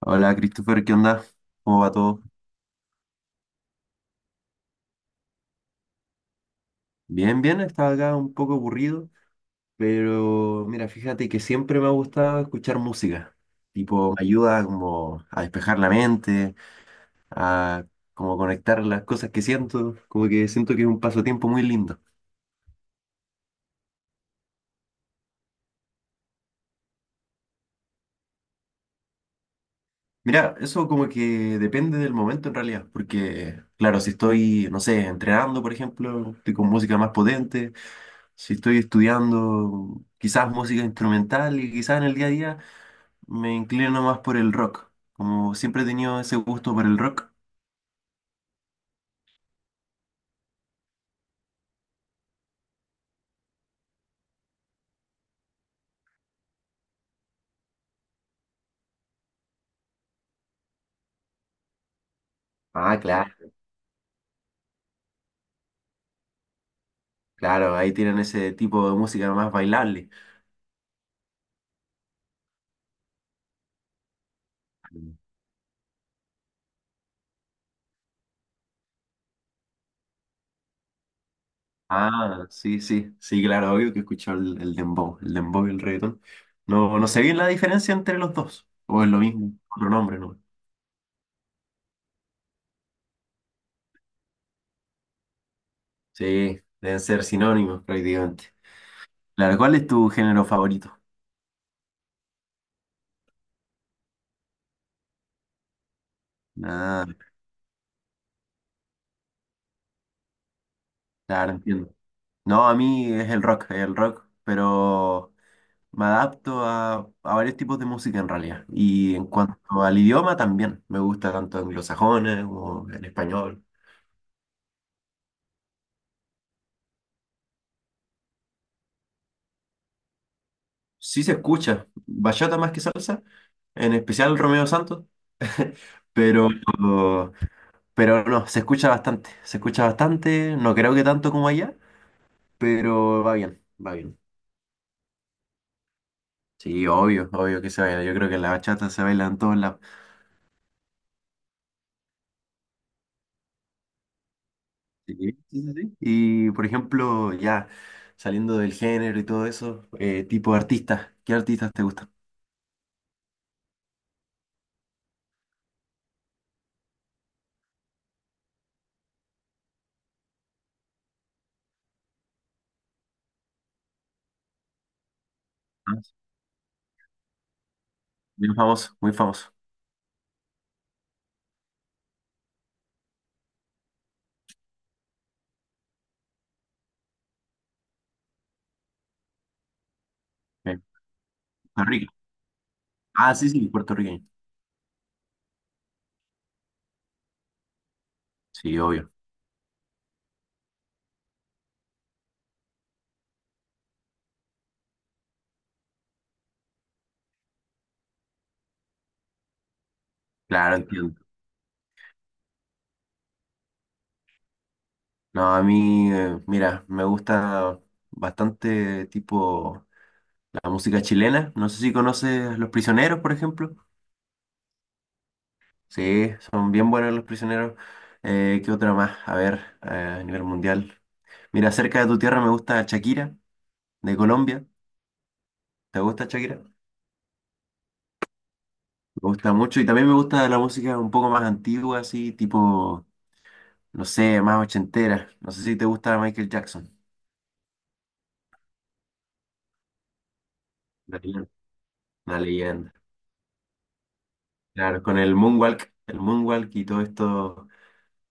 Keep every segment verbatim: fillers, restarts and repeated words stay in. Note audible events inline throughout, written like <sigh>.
Hola Christopher, ¿qué onda? ¿Cómo va todo? Bien, bien, estaba acá un poco aburrido, pero mira, fíjate que siempre me ha gustado escuchar música. Tipo, me ayuda como a despejar la mente, a como conectar las cosas que siento, como que siento que es un pasatiempo muy lindo. Mira, eso como que depende del momento en realidad, porque claro, si estoy, no sé, entrenando, por ejemplo, estoy con música más potente. Si estoy estudiando quizás música instrumental y quizás en el día a día me inclino más por el rock. Como siempre he tenido ese gusto por el rock. Ah, claro, claro, ahí tienen ese tipo de música más bailable. Mm. Ah, sí, sí, sí, claro, obvio que he escuchado el, el dembow, el dembow y el reggaetón. No, no sé bien la diferencia entre los dos, o es lo mismo, otro nombre, ¿no? Sí, deben ser sinónimos prácticamente. Claro, ¿cuál es tu género favorito? Ah, claro, entiendo. No, a mí es el rock, el rock, pero me adapto a, a varios tipos de música en realidad. Y en cuanto al idioma también, me gusta tanto anglosajones como en español. Sí, se escucha bachata más que salsa, en especial Romeo Santos, pero, pero no, se escucha bastante, se escucha bastante, no creo que tanto como allá, pero va bien, va bien. Sí, obvio, obvio que se baila. Yo creo que la bachata se baila en todos lados. Sí, sí, sí, sí, sí. Y por ejemplo, ya saliendo del género y todo eso, eh, tipo de artistas, ¿qué artistas te gustan? Ah, muy famoso, muy famoso. Ok. Puerto Rico. Ah, sí, sí, puertorriqueño. Sí, obvio. Claro, entiendo. No, a mí, eh, mira, me gusta bastante tipo la música chilena. No sé si conoces Los Prisioneros, por ejemplo. Sí, son bien buenos Los Prisioneros. Eh, ¿qué otra más? A ver, eh, a nivel mundial. Mira, cerca de tu tierra me gusta Shakira, de Colombia. ¿Te gusta Shakira? Me gusta mucho y también me gusta la música un poco más antigua, así tipo, no sé, más ochentera. No sé si te gusta Michael Jackson. La leyenda. Una leyenda. Claro, con el moonwalk, el moonwalk y todo esto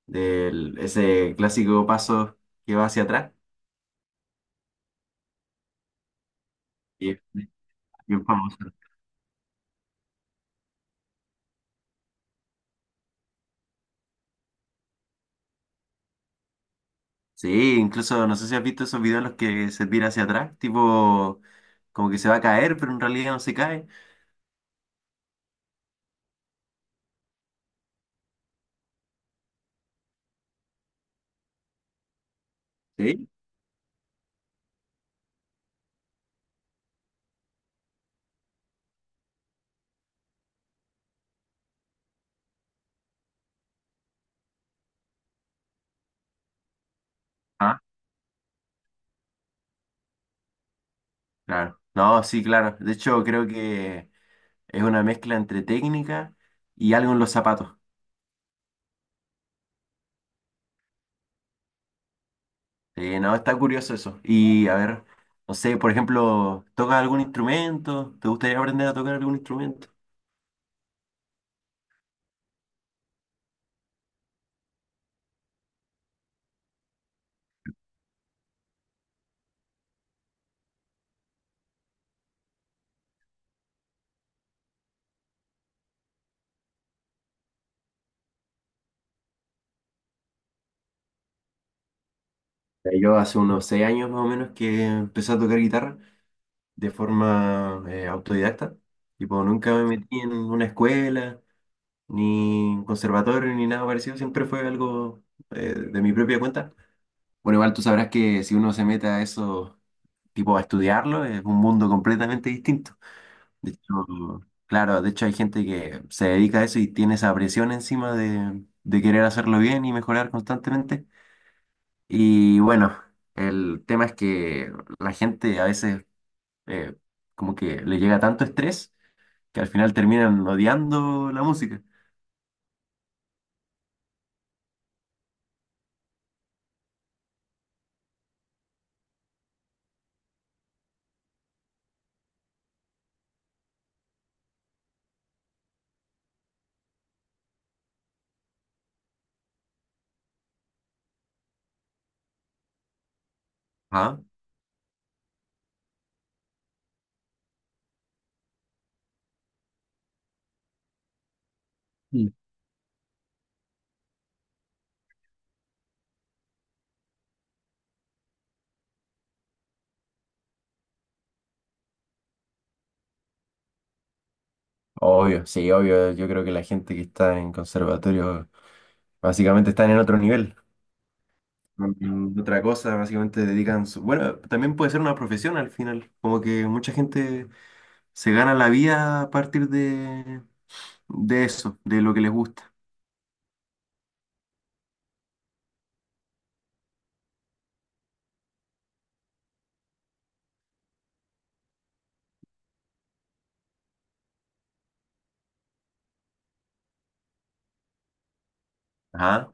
del ese clásico paso que va hacia atrás. Y es bien famoso. Sí, incluso no sé si has visto esos videos en los que se tira hacia atrás, tipo como que se va a caer, pero en realidad no se cae. Sí. Ah, claro. No, sí, claro. De hecho, creo que es una mezcla entre técnica y algo en los zapatos. Eh, no, está curioso eso. Y a ver, no sé, por ejemplo, ¿tocas algún instrumento? ¿Te gustaría aprender a tocar algún instrumento? Eh, Yo hace unos seis años más o menos que empecé a tocar guitarra de forma eh, autodidacta. Tipo, nunca me metí en una escuela, ni en conservatorio, ni nada parecido. Siempre fue algo eh, de mi propia cuenta. Bueno, igual tú sabrás que si uno se mete a eso, tipo, a estudiarlo, es un mundo completamente distinto. De hecho, claro, de hecho hay gente que se dedica a eso y tiene esa presión encima de, de querer hacerlo bien y mejorar constantemente. Y bueno, el tema es que la gente a veces eh, como que le llega tanto estrés que al final terminan odiando la música. Ajá. Mm. Obvio, sí, obvio. Yo creo que la gente que está en conservatorio básicamente están en otro nivel. Mm, otra cosa, básicamente dedican su... Bueno, también puede ser una profesión al final. Como que mucha gente se gana la vida a partir de, de eso, de lo que les gusta. Ajá,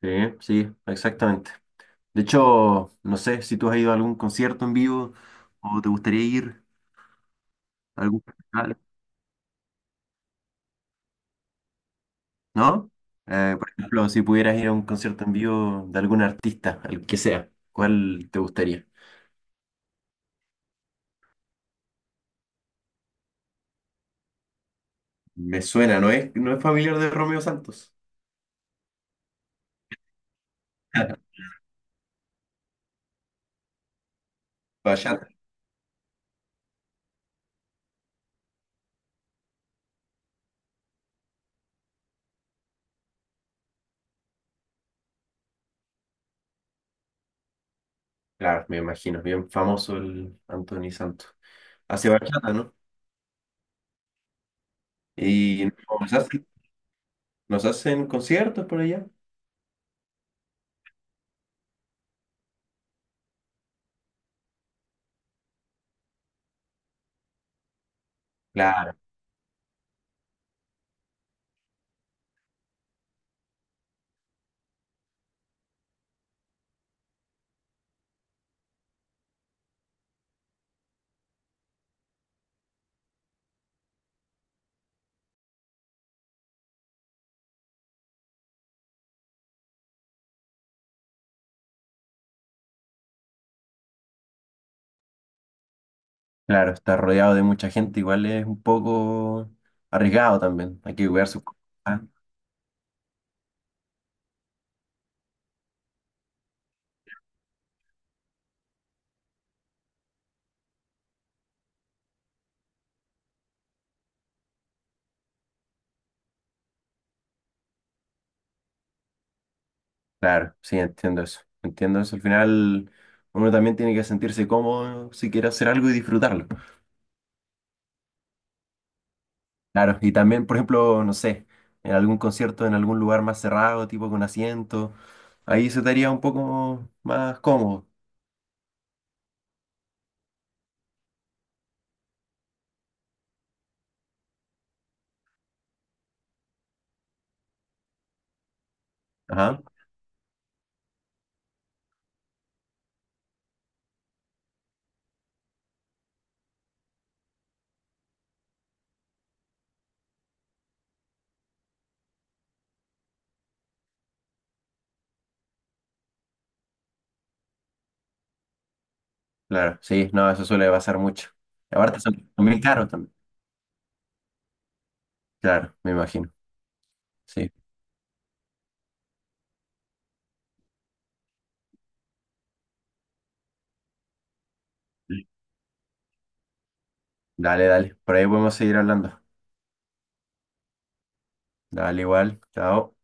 sí, sí, exactamente. De hecho, no sé si tú has ido a algún concierto en vivo o te gustaría ir a algún festival, ¿no? Eh, por ejemplo, si pudieras ir a un concierto en vivo de algún artista, el que sea, ¿cuál te gustaría? Me suena, ¿no es, no es familiar de Romeo Santos? <laughs> Bachata. Claro, me imagino, bien famoso el Anthony Santos. Hace bachata, ¿no? Y no, ¿nos hacen conciertos por allá? Claro, claro, estar rodeado de mucha gente igual es un poco arriesgado también. Hay que cuidar sus cosas. Ah, claro, sí, entiendo eso. Entiendo eso. Al final, uno también tiene que sentirse cómodo si quiere hacer algo y disfrutarlo. Claro, y también, por ejemplo, no sé, en algún concierto en algún lugar más cerrado, tipo con asiento, ahí se estaría un poco más cómodo. Ajá, claro, sí, no, eso suele pasar mucho. Y aparte son son bien caros también. Claro, me imagino. Sí. Dale, dale. Por ahí podemos seguir hablando. Dale, igual. Chao.